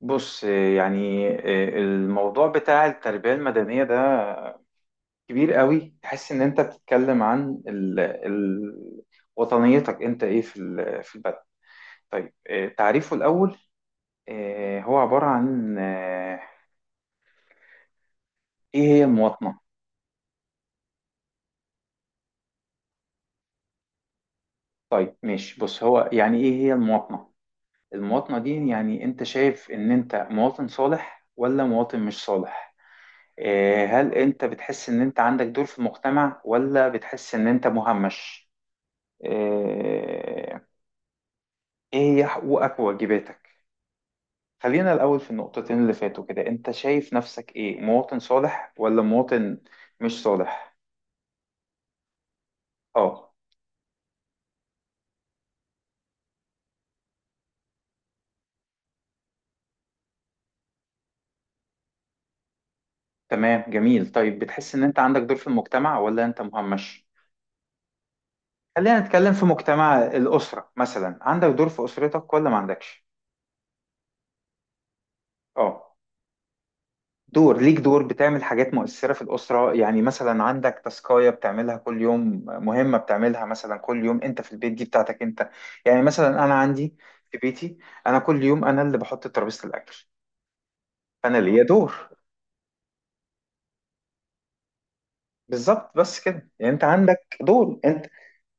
بص، يعني الموضوع بتاع التربية المدنية ده كبير قوي. تحس ان انت بتتكلم عن وطنيتك انت ايه في البلد. طيب، تعريفه الاول، هو عبارة عن ايه هي المواطنة. طيب ماشي، بص، هو يعني ايه هي المواطنة. المواطنة دي، يعني انت شايف ان انت مواطن صالح ولا مواطن مش صالح؟ هل انت بتحس ان انت عندك دور في المجتمع ولا بتحس ان انت مهمش؟ آه، ايه هي حقوقك وواجباتك؟ خلينا الاول في النقطتين اللي فاتوا كده، انت شايف نفسك ايه، مواطن صالح ولا مواطن مش صالح؟ اه، تمام، جميل. طيب، بتحس ان انت عندك دور في المجتمع ولا انت مهمش؟ خلينا نتكلم في مجتمع الاسره مثلا، عندك دور في اسرتك ولا ما عندكش؟ اه، دور ليك، دور بتعمل حاجات مؤثرة في الأسرة. يعني مثلا عندك تاسكاية بتعملها كل يوم، مهمة بتعملها مثلا كل يوم، أنت في البيت دي بتاعتك أنت. يعني مثلا أنا عندي في بيتي، أنا كل يوم أنا اللي بحط ترابيزة الأكل، أنا ليا دور. بالظبط، بس كده، يعني أنت عندك دور أنت.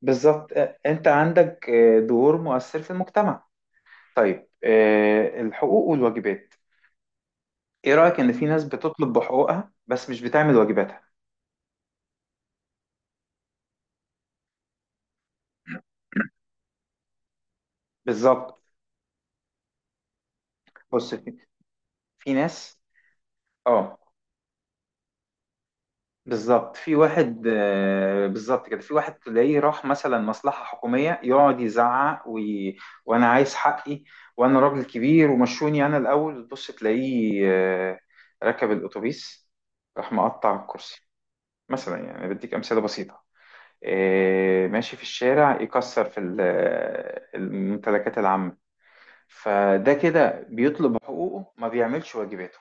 بالظبط، أنت عندك دور مؤثر في المجتمع. طيب، الحقوق والواجبات. إيه رأيك إن في ناس بتطلب بحقوقها بس مش بتعمل واجباتها؟ بالظبط. بص، في ناس. اه، بالظبط. في واحد، بالظبط كده، في واحد تلاقيه راح مثلا مصلحة حكومية يقعد يزعق: وي... وانا عايز حقي، وانا راجل كبير ومشوني انا الاول. تبص تلاقيه آه، ركب الاتوبيس، راح مقطع الكرسي، مثلا. يعني بديك امثلة بسيطة. ماشي في الشارع يكسر في الممتلكات العامة. فده كده بيطلب حقوقه ما بيعملش واجباته.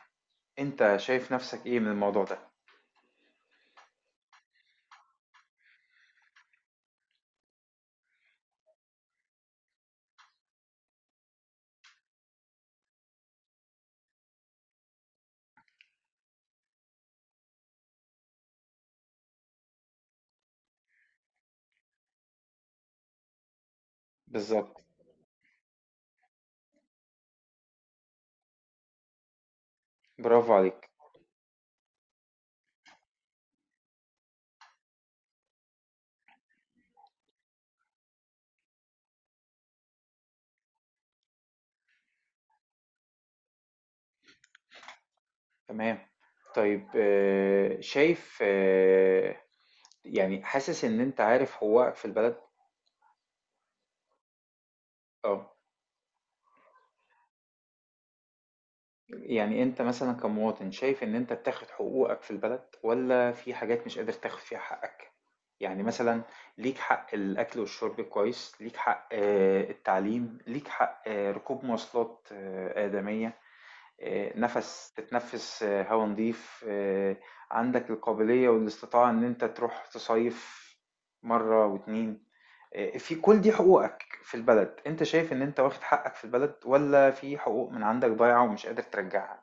انت شايف نفسك ايه من الموضوع ده؟ بالظبط، برافو عليك. تمام. طيب، شايف يعني حاسس إن أنت عارف حقوقك في البلد؟ آه. يعني أنت مثلًا كمواطن، شايف إن أنت بتاخد حقوقك في البلد والّا في حاجات مش قادر تاخد فيها حقك؟ يعني مثلًا، ليك حق الأكل والشرب كويس، ليك حق التعليم، ليك حق ركوب مواصلات آدمية. نَفَس تتنفّس، هوا نضيف، عندك القابلية والاستطاعة إن أنت تروح تصيّف مرّة و2. في كل دي حقوقك في البلد، أنت شايف إن أنت واخد حقك في البلد والّا في حقوق من عندك ضايعة ومش قادر ترجّعها؟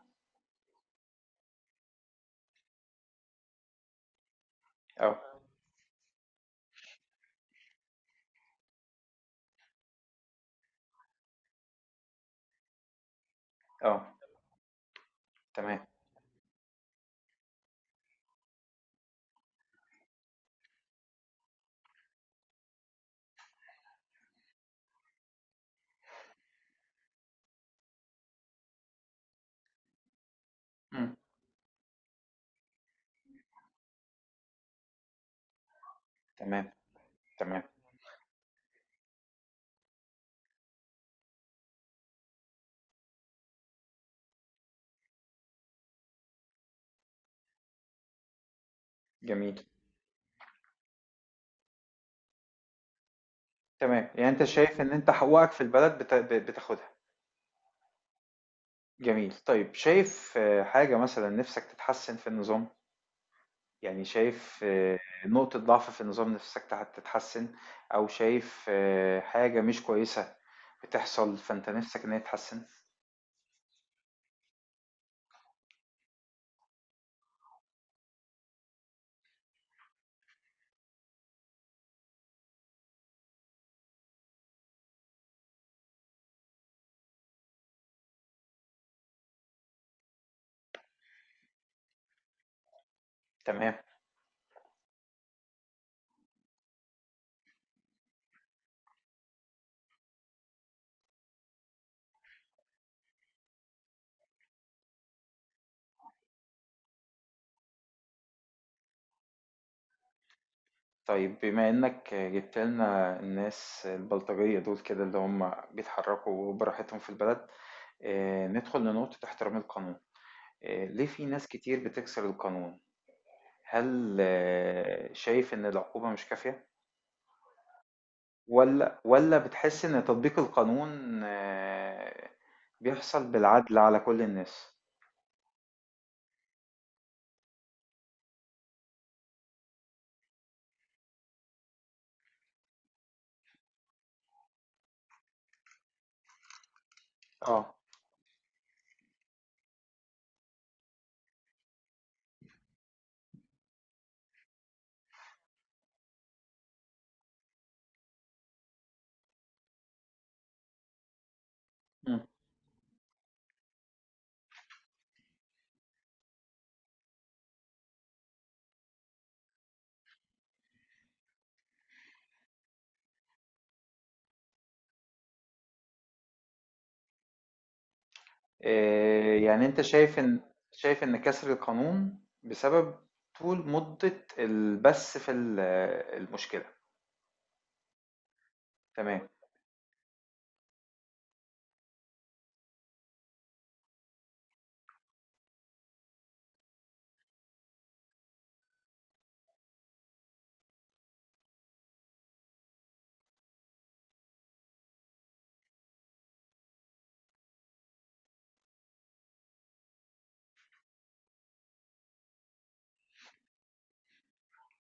آه، آه، تمام، إمم، تمام، تمام، جميل، تمام. يعني أنت شايف إن أنت حقوقك في البلد بت ب بتاخدها، جميل. طيب، شايف حاجة مثلًا نِفْسك تتحسّن في النظام؟ يعني شايف نقطة ضعف في النظام نفسك تتحسن، أو شايف حاجة مش كويسة بتحصل فأنت نفسك إن هي تتحسن. تمام. طيب، بما إنك جبت لنا الناس البلطجية دول كده اللي هم بيتحركوا براحتهم في البلد، ندخل لنقطة احترام القانون. ليه في ناس كتير بتكسر القانون؟ هل شايف إن العقوبة مش كافية؟ ولا بتحس إن تطبيق القانون بيحصل بالعدل على كل الناس؟ اه. مم. يعني أنت شايف إن، كسر القانون بسبب طول مدة البث في المشكلة. تمام.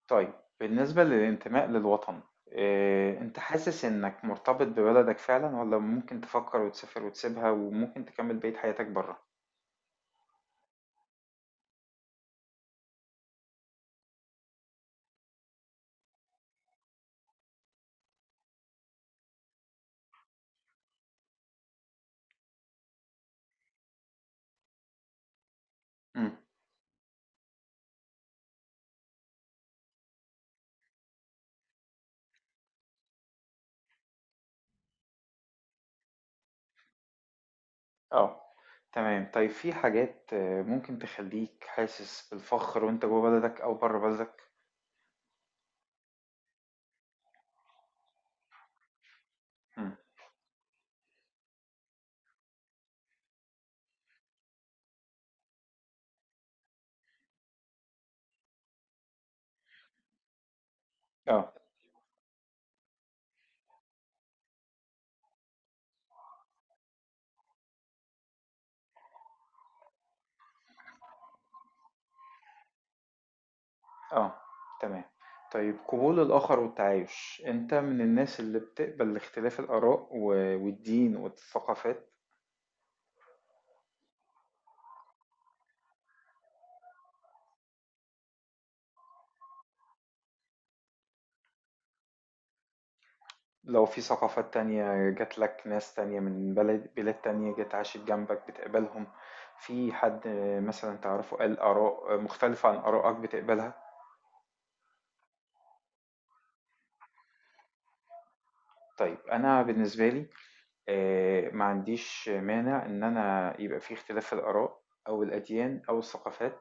طيب، بالنسبة للانتماء للوطن، أنت حاسس إنك مرتبط ببلدك فعلا ولا ممكن تفكر وتسافر وتسيبها وممكن تكمل بقية حياتك بره؟ اه، تمام. طيب، في حاجات ممكن تخليك حاسس بالفخر وانت جوه بلدك او بره بلدك. مم. اه، اه، تمام. طيب، قبول الآخر والتعايش، انت من الناس اللي بتقبل اختلاف الآراء والدين والثقافات؟ لو في ثقافات تانية جات لك، ناس تانية من بلاد تانية جت عاشت جنبك، بتقبلهم؟ في حد مثلا تعرفه قال آراء مختلفة عن آرائك، بتقبلها؟ طيب، أنا بالنسبة لي، ما عنديش مانع إن أنا يبقى في اختلاف في الآراء أو الأديان أو الثقافات،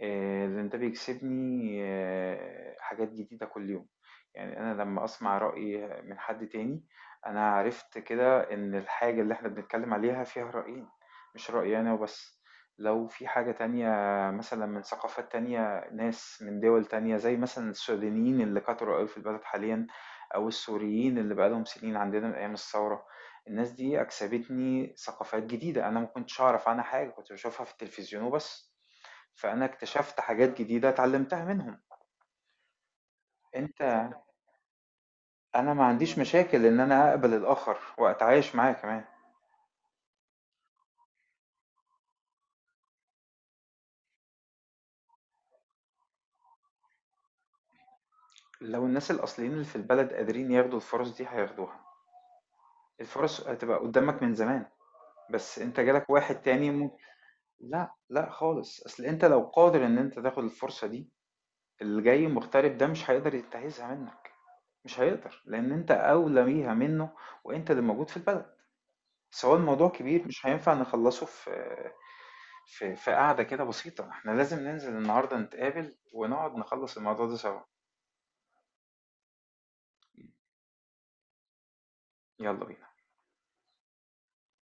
لأن ده بيكسبني حاجات جديدة كل يوم. يعني أنا لما أسمع رأي من حد تاني، أنا عرفت كده إن الحاجة اللي إحنا بنتكلم عليها فيها رأيين، مش رأيي أنا وبس. لو في حاجة تانية مثلا من ثقافات تانية، ناس من دول تانية، زي مثلا السودانيين اللي كتروا أوي في البلد حاليا، أو السوريين اللي بقالهم سنين عندنا من أيام الثورة. الناس دي أكسبتني ثقافات جديدة أنا ما كنتش أعرف عنها حاجة، كنت بشوفها في التلفزيون وبس. فأنا اكتشفت حاجات جديدة اتعلمتها منهم. انت، انا ما عنديش مشاكل ان انا اقبل الاخر واتعايش معاه كمان. لو الناس الاصليين اللي في البلد قادرين ياخدوا الفرص دي هياخدوها. الفرص هتبقى قدامك من زمان، بس انت جالك واحد تاني ممكن. لا لا خالص، اصل انت لو قادر ان انت تاخد الفرصة دي، اللي جاي مغترب ده مش هيقدر ينتهزها منك، مش هيقدر، لان انت اولى بيها منه، وانت اللي موجود في البلد. سواء الموضوع كبير، مش هينفع نخلصه في في قعدة كده بسيطة. إحنا لازم ننزل النهاردة نتقابل ونقعد نخلّص الموضوع ده سوا، يلا بينا.